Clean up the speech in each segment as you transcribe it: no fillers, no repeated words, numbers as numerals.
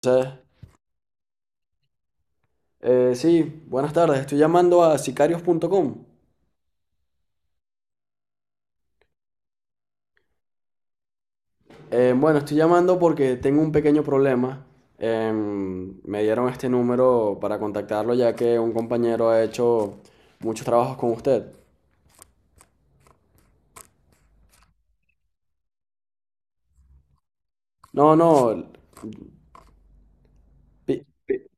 Entonces, sí, buenas tardes. Estoy llamando a sicarios.com. Bueno, estoy llamando porque tengo un pequeño problema. Me dieron este número para contactarlo ya que un compañero ha hecho muchos trabajos con usted. No, no, pi- pi-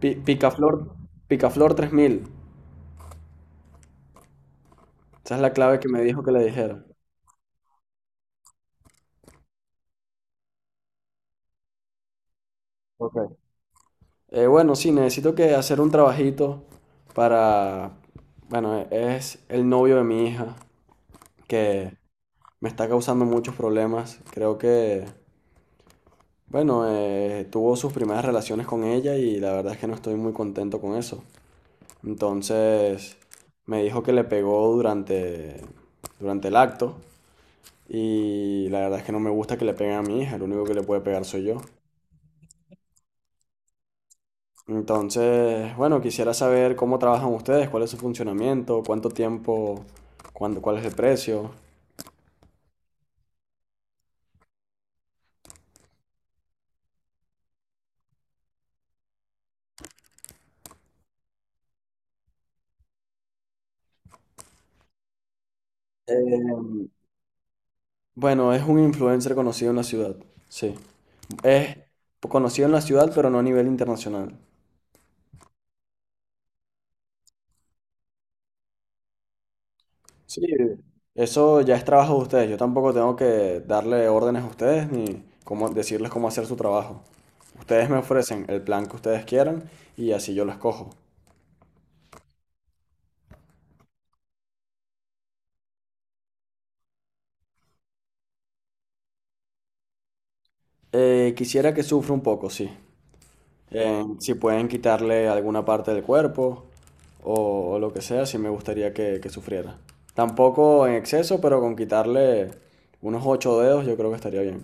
Picaflor, Picaflor 3000. Esa es la clave que me dijo que le dijera. Ok. Bueno, sí, necesito que hacer un trabajito para... Bueno, es el novio de mi hija que... me está causando muchos problemas. Creo que, bueno, tuvo sus primeras relaciones con ella y la verdad es que no estoy muy contento con eso. Entonces, me dijo que le pegó durante el acto y la verdad es que no me gusta que le peguen a mi hija, el único que le puede pegar soy yo. Entonces, bueno, quisiera saber cómo trabajan ustedes, cuál es su funcionamiento, cuánto tiempo, cuándo, cuál es el precio. Eh, bueno, es un influencer conocido en la ciudad, sí. Es conocido en la ciudad, pero no a nivel internacional. Sí, eso ya es trabajo de ustedes. Yo tampoco tengo que darle órdenes a ustedes ni cómo decirles cómo hacer su trabajo. Ustedes me ofrecen el plan que ustedes quieran y así yo lo escojo. Quisiera que sufra un poco, sí. Si pueden quitarle alguna parte del cuerpo o lo que sea, sí me gustaría que sufriera. Tampoco en exceso, pero con quitarle unos ocho dedos yo creo que estaría bien.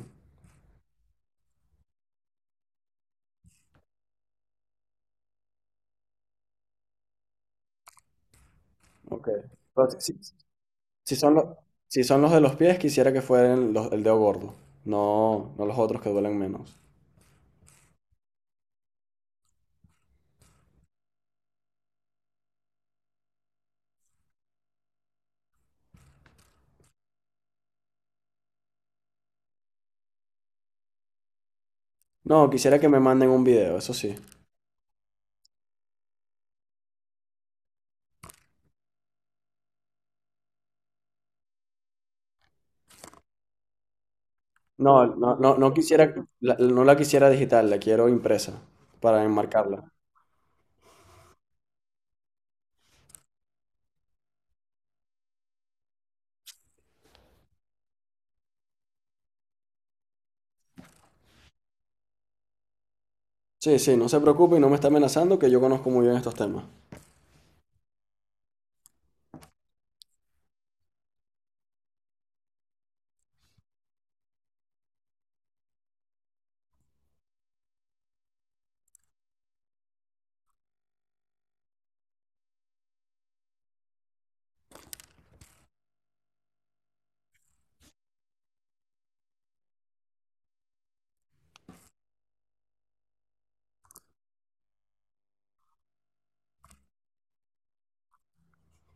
Ok. Pero sí, Si son los, si son los de los pies, quisiera que fueran los, el dedo gordo. No, no los otros que duelen menos. No, quisiera que me manden un video, eso sí. No, no, no, no quisiera, no la quisiera digital, la quiero impresa para enmarcarla. Sí, sí, no se preocupe y no me está amenazando que yo conozco muy bien estos temas.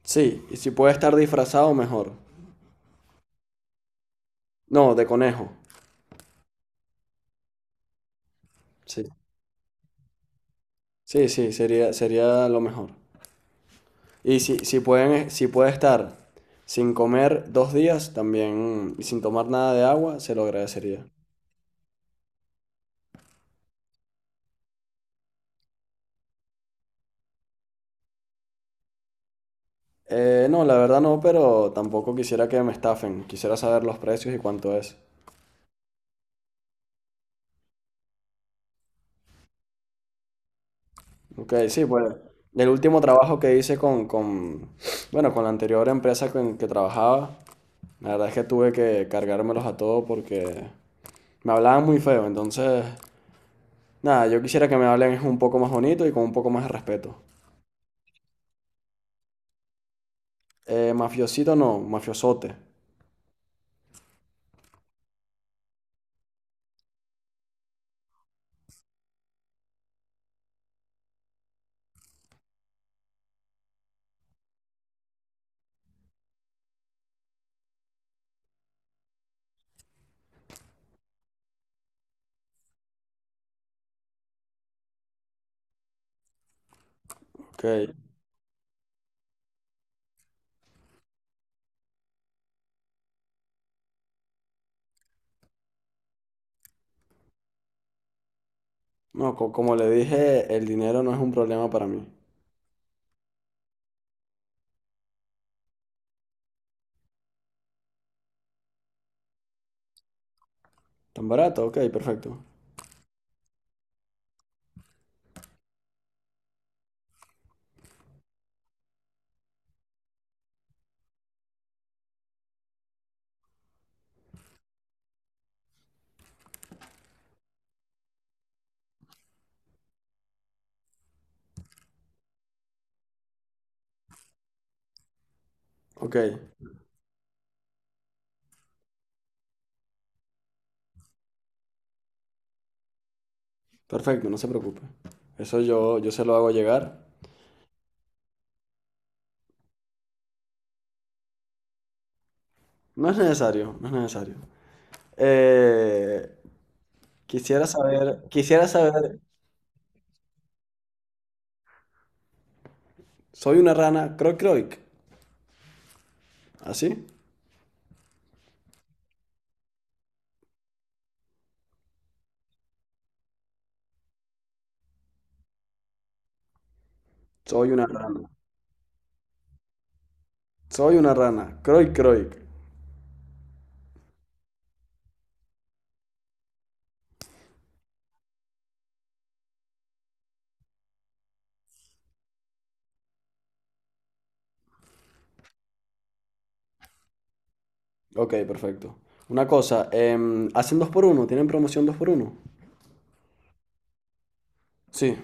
Sí, y si puede estar disfrazado, mejor. No, de conejo. Sí, sí, sí, sería lo mejor. Y si pueden, si puede estar sin comer dos días también y sin tomar nada de agua, se lo agradecería. No, la verdad no, pero tampoco quisiera que me estafen. Quisiera saber los precios y cuánto es. Ok, sí, pues el último trabajo que hice bueno, con la anterior empresa con que trabajaba, la verdad es que tuve que cargármelos a todos porque me hablaban muy feo. Entonces, nada, yo quisiera que me hablen un poco más bonito y con un poco más de respeto. Mafiosito no, mafiosote. Ok. No, como le dije, el dinero no es un problema para mí. ¿Tan barato? Ok, perfecto. Ok, perfecto, no se preocupe. Eso yo se lo hago llegar. No es necesario, no es necesario. Eh, quisiera saber, soy una rana, croy croic. ¿Así? Soy una rana, soy una rana, croy croic. Ok, perfecto. Una cosa, ¿hacen dos por uno? ¿Tienen promoción dos por uno? Sí.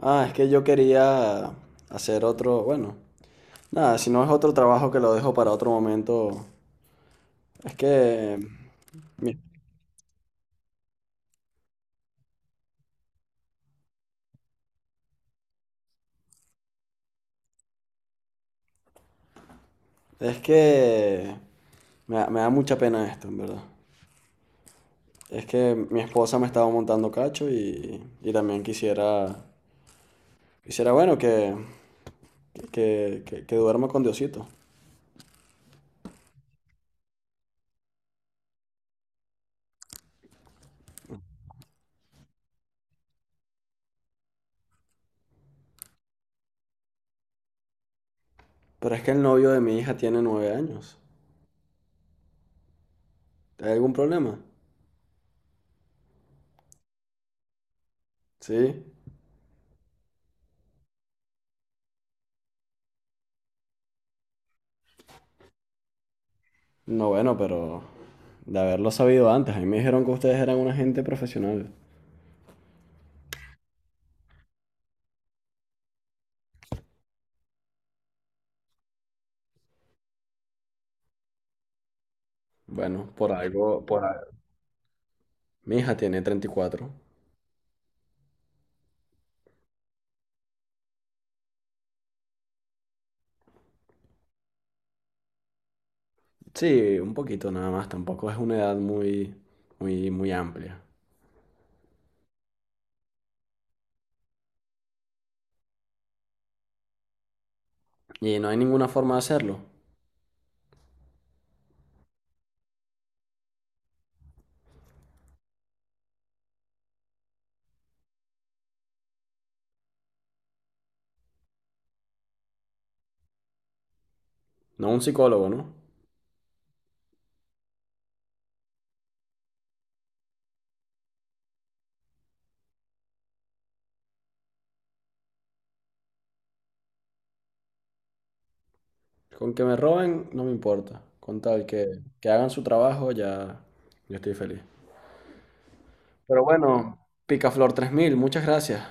Ah, es que yo quería hacer otro, bueno. Nada, si no es otro trabajo que lo dejo para otro momento. Es que. mi- Es que. Me da mucha pena esto, en verdad. Es que mi esposa me estaba montando cacho y también quisiera. Quisiera, bueno, que duerma con Diosito. Pero es que el novio de mi hija tiene nueve años. ¿Hay algún problema? Sí. No, bueno, pero. De haberlo sabido antes. A mí me dijeron que ustedes eran una gente profesional. Bueno, por algo. Mi hija tiene 34. Sí, un poquito nada más, tampoco es una edad muy amplia. Y no hay ninguna forma de hacerlo. No un psicólogo, ¿no? Con que me roben, no me importa. Con tal que hagan su trabajo, ya, yo estoy feliz. Pero bueno, Picaflor 3000. Muchas gracias.